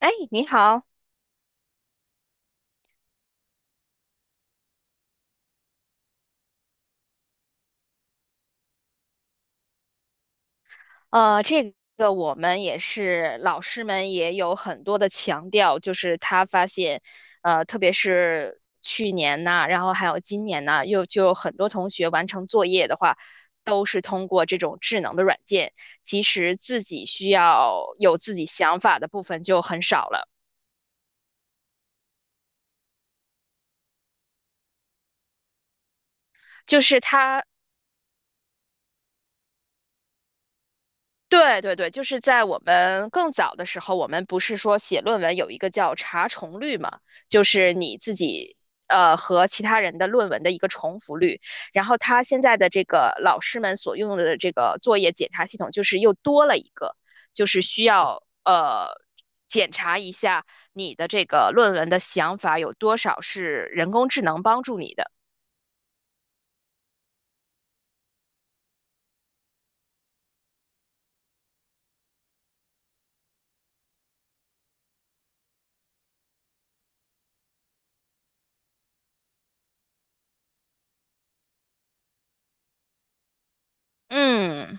哎，你好，这个我们也是，老师们也有很多的强调，就是他发现，特别是去年呐，然后还有今年呐，又就有很多同学完成作业的话，都是通过这种智能的软件，其实自己需要有自己想法的部分就很少了。就是他对对对，就是在我们更早的时候，我们不是说写论文有一个叫查重率嘛，就是你自己和其他人的论文的一个重复率。然后他现在的这个老师们所用的这个作业检查系统，就是又多了一个，就是需要检查一下你的这个论文的想法有多少是人工智能帮助你的。嗯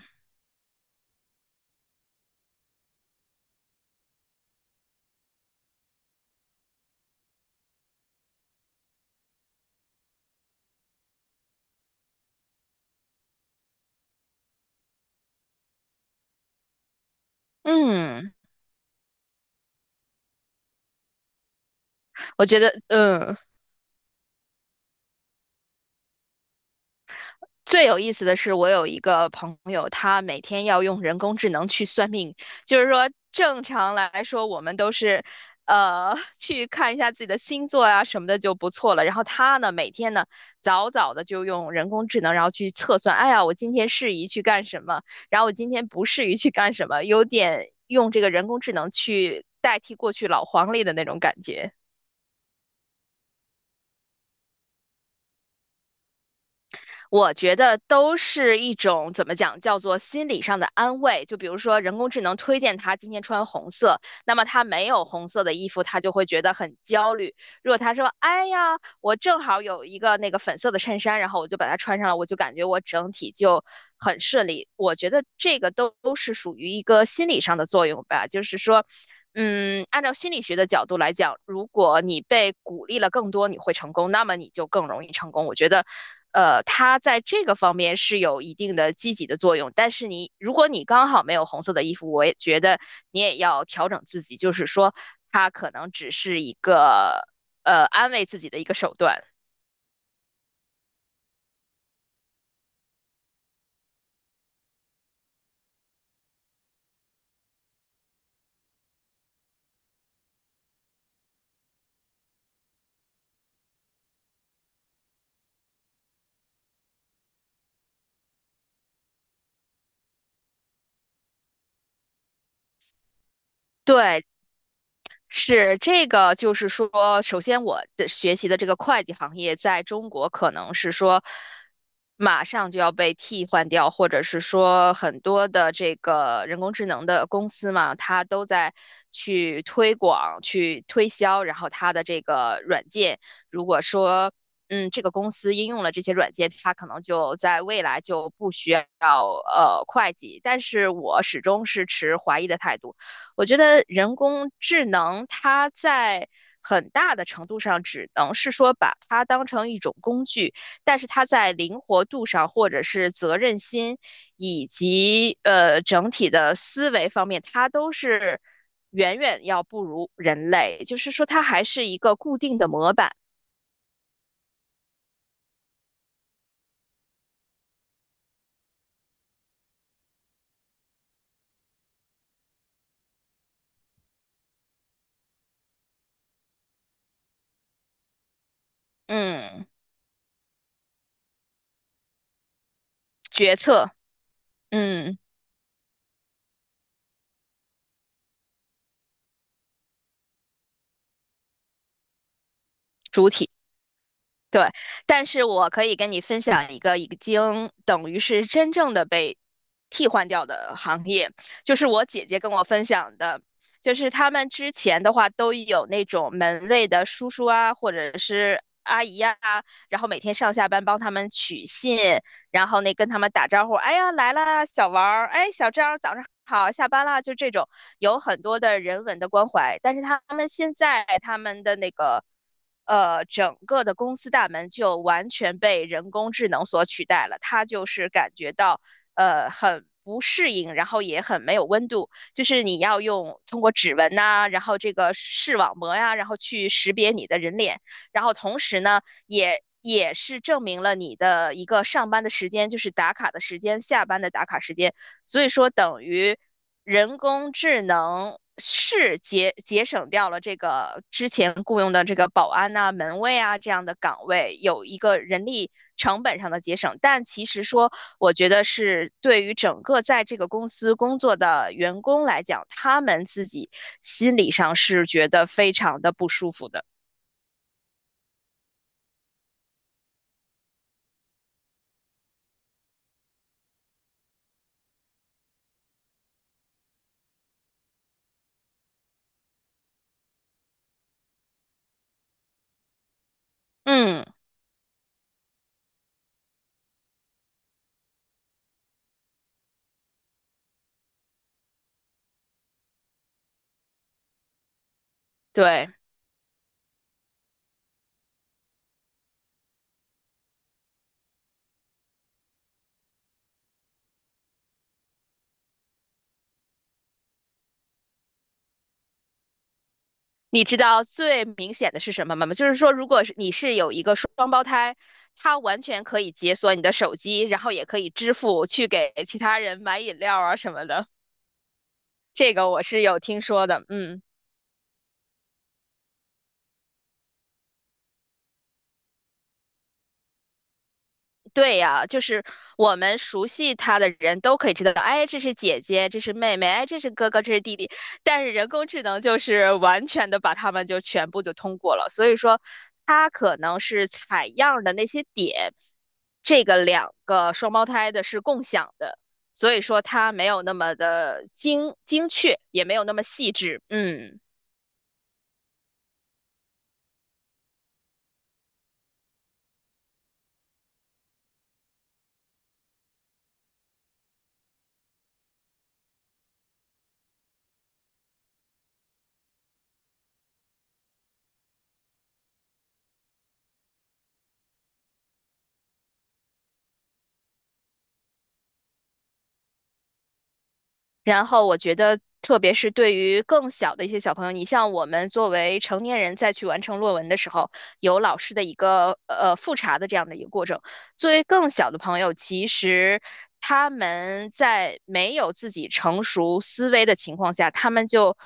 嗯，我觉得最有意思的是，我有一个朋友，他每天要用人工智能去算命。就是说，正常来说，我们都是，呃，去看一下自己的星座啊什么的就不错了。然后他呢，每天呢，早早的就用人工智能，然后去测算，哎呀，我今天适宜去干什么，然后我今天不适宜去干什么，有点用这个人工智能去代替过去老黄历的那种感觉。我觉得都是一种怎么讲，叫做心理上的安慰。就比如说，人工智能推荐他今天穿红色，那么他没有红色的衣服，他就会觉得很焦虑。如果他说："哎呀，我正好有一个那个粉色的衬衫，然后我就把它穿上了，我就感觉我整体就很顺利。"我觉得这个都是属于一个心理上的作用吧，就是说嗯，按照心理学的角度来讲，如果你被鼓励了更多，你会成功，那么你就更容易成功。我觉得，它在这个方面是有一定的积极的作用。但是你，如果你刚好没有红色的衣服，我也觉得你也要调整自己，就是说，它可能只是一个安慰自己的一个手段。对，是这个，就是说，首先我的学习的这个会计行业在中国可能是说马上就要被替换掉，或者是说很多的这个人工智能的公司嘛，它都在去推广、去推销，然后它的这个软件，如果说嗯这个公司应用了这些软件，它可能就在未来就不需要会计。但是我始终是持怀疑的态度。我觉得人工智能它在很大的程度上只能是说把它当成一种工具，但是它在灵活度上，或者是责任心，以及整体的思维方面，它都是远远要不如人类。就是说，它还是一个固定的模板，嗯，决策，嗯，主体。对，但是我可以跟你分享一个已经等于是真正的被替换掉的行业，就是我姐姐跟我分享的，就是他们之前的话都有那种门卫的叔叔啊，或者是阿姨啊，然后每天上下班帮他们取信，然后那跟他们打招呼，哎呀来了，小王儿，哎小张，早上好，下班了，就这种有很多的人文的关怀。但是他们现在他们的那个整个的公司大门就完全被人工智能所取代了，他就是感觉到很。不适应，然后也很没有温度，就是你要用通过指纹呐、然后这个视网膜呀、然后去识别你的人脸，然后同时呢，也是证明了你的一个上班的时间，就是打卡的时间，下班的打卡时间。所以说，等于人工智能是节省掉了这个之前雇佣的这个保安呐、门卫啊这样的岗位，有一个人力成本上的节省。但其实说，我觉得是对于整个在这个公司工作的员工来讲，他们自己心理上是觉得非常的不舒服的。嗯，对。你知道最明显的是什么吗？就是说，如果是你是有一个双胞胎，他完全可以解锁你的手机，然后也可以支付去给其他人买饮料啊什么的。这个我是有听说的，嗯。对呀，就是我们熟悉他的人都可以知道，哎，这是姐姐，这是妹妹，哎，这是哥哥，这是弟弟。但是人工智能就是完全的把他们就全部就通过了，所以说它可能是采样的那些点，这个两个双胞胎的是共享的，所以说它没有那么的精确，也没有那么细致。嗯，然后我觉得，特别是对于更小的一些小朋友，你像我们作为成年人再去完成论文的时候，有老师的一个复查的这样的一个过程。作为更小的朋友，其实他们在没有自己成熟思维的情况下，他们就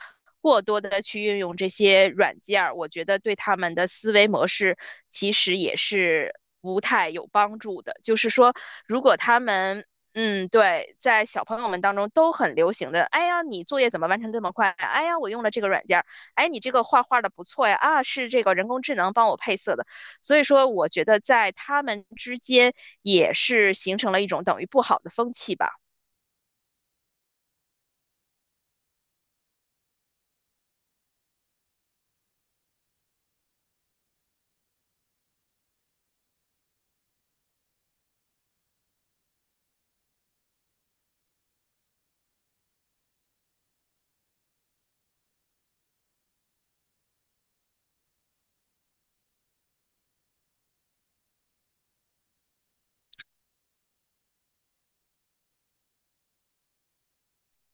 过多的去运用这些软件儿，我觉得对他们的思维模式其实也是不太有帮助的。就是说，如果他们嗯，对，在小朋友们当中都很流行的。哎呀，你作业怎么完成这么快啊？哎呀，我用了这个软件儿。哎，你这个画画的不错呀。啊，是这个人工智能帮我配色的。所以说，我觉得在他们之间也是形成了一种等于不好的风气吧。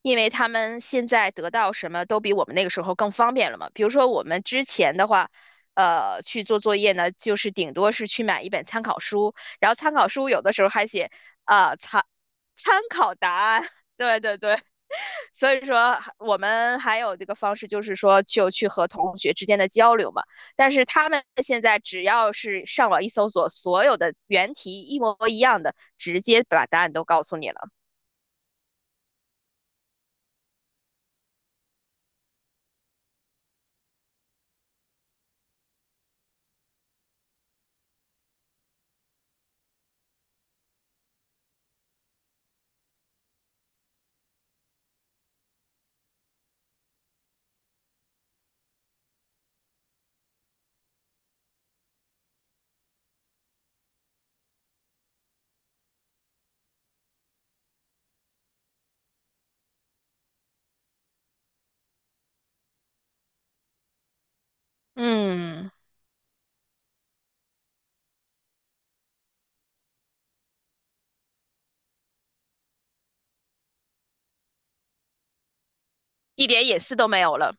因为他们现在得到什么都比我们那个时候更方便了嘛。比如说我们之前的话，去做作业呢，就是顶多是去买一本参考书，然后参考书有的时候还写。啊，参考答案。对对对，所以说我们还有这个方式，就是说就去和同学之间的交流嘛。但是他们现在只要是上网一搜索，所有的原题一模一样的，直接把答案都告诉你了，嗯一点隐私都没有了。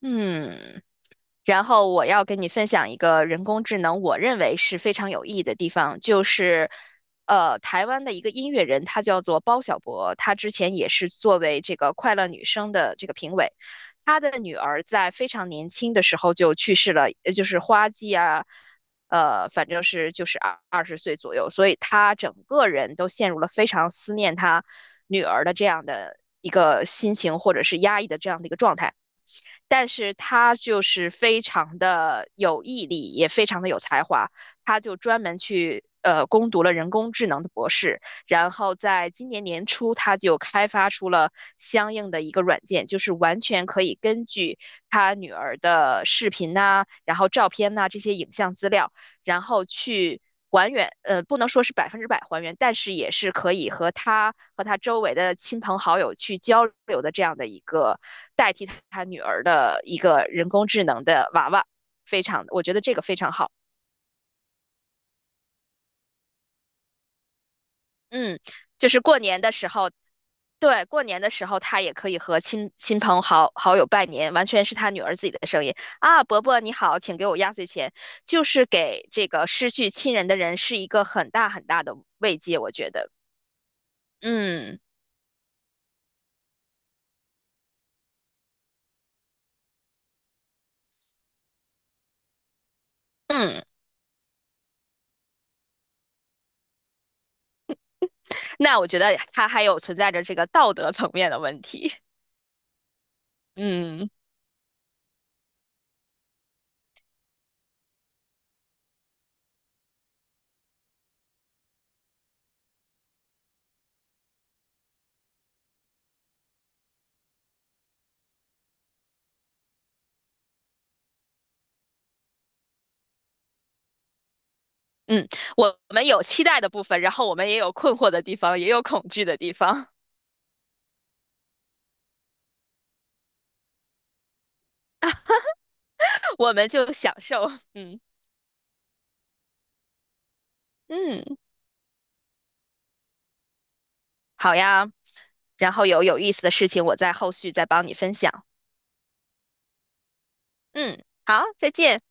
嗯。然后我要跟你分享一个人工智能，我认为是非常有意义的地方，就是，台湾的一个音乐人，他叫做包小柏，他之前也是作为这个快乐女声的这个评委，他的女儿在非常年轻的时候就去世了，就是花季啊，反正是就是二十岁左右，所以他整个人都陷入了非常思念他女儿的这样的一个心情，或者是压抑的这样的一个状态。但是他就是非常的有毅力，也非常的有才华，他就专门去攻读了人工智能的博士，然后在今年年初他就开发出了相应的一个软件，就是完全可以根据他女儿的视频呐、然后照片呐、这些影像资料，然后去还原，不能说是百分之百还原，但是也是可以和他周围的亲朋好友去交流的这样的一个代替他女儿的一个人工智能的娃娃，非常，我觉得这个非常好。嗯，就是过年的时候，对，过年的时候他也可以和亲朋好友拜年，完全是他女儿自己的声音啊，伯伯你好，请给我压岁钱，就是给这个失去亲人的人是一个很大很大的慰藉，我觉得。嗯嗯，那我觉得它还有存在着这个道德层面的问题。嗯嗯，我们有期待的部分，然后我们也有困惑的地方，也有恐惧的地方，我们就享受。嗯嗯，好呀。然后有有意思的事情，我在后续再帮你分享。嗯，好，再见。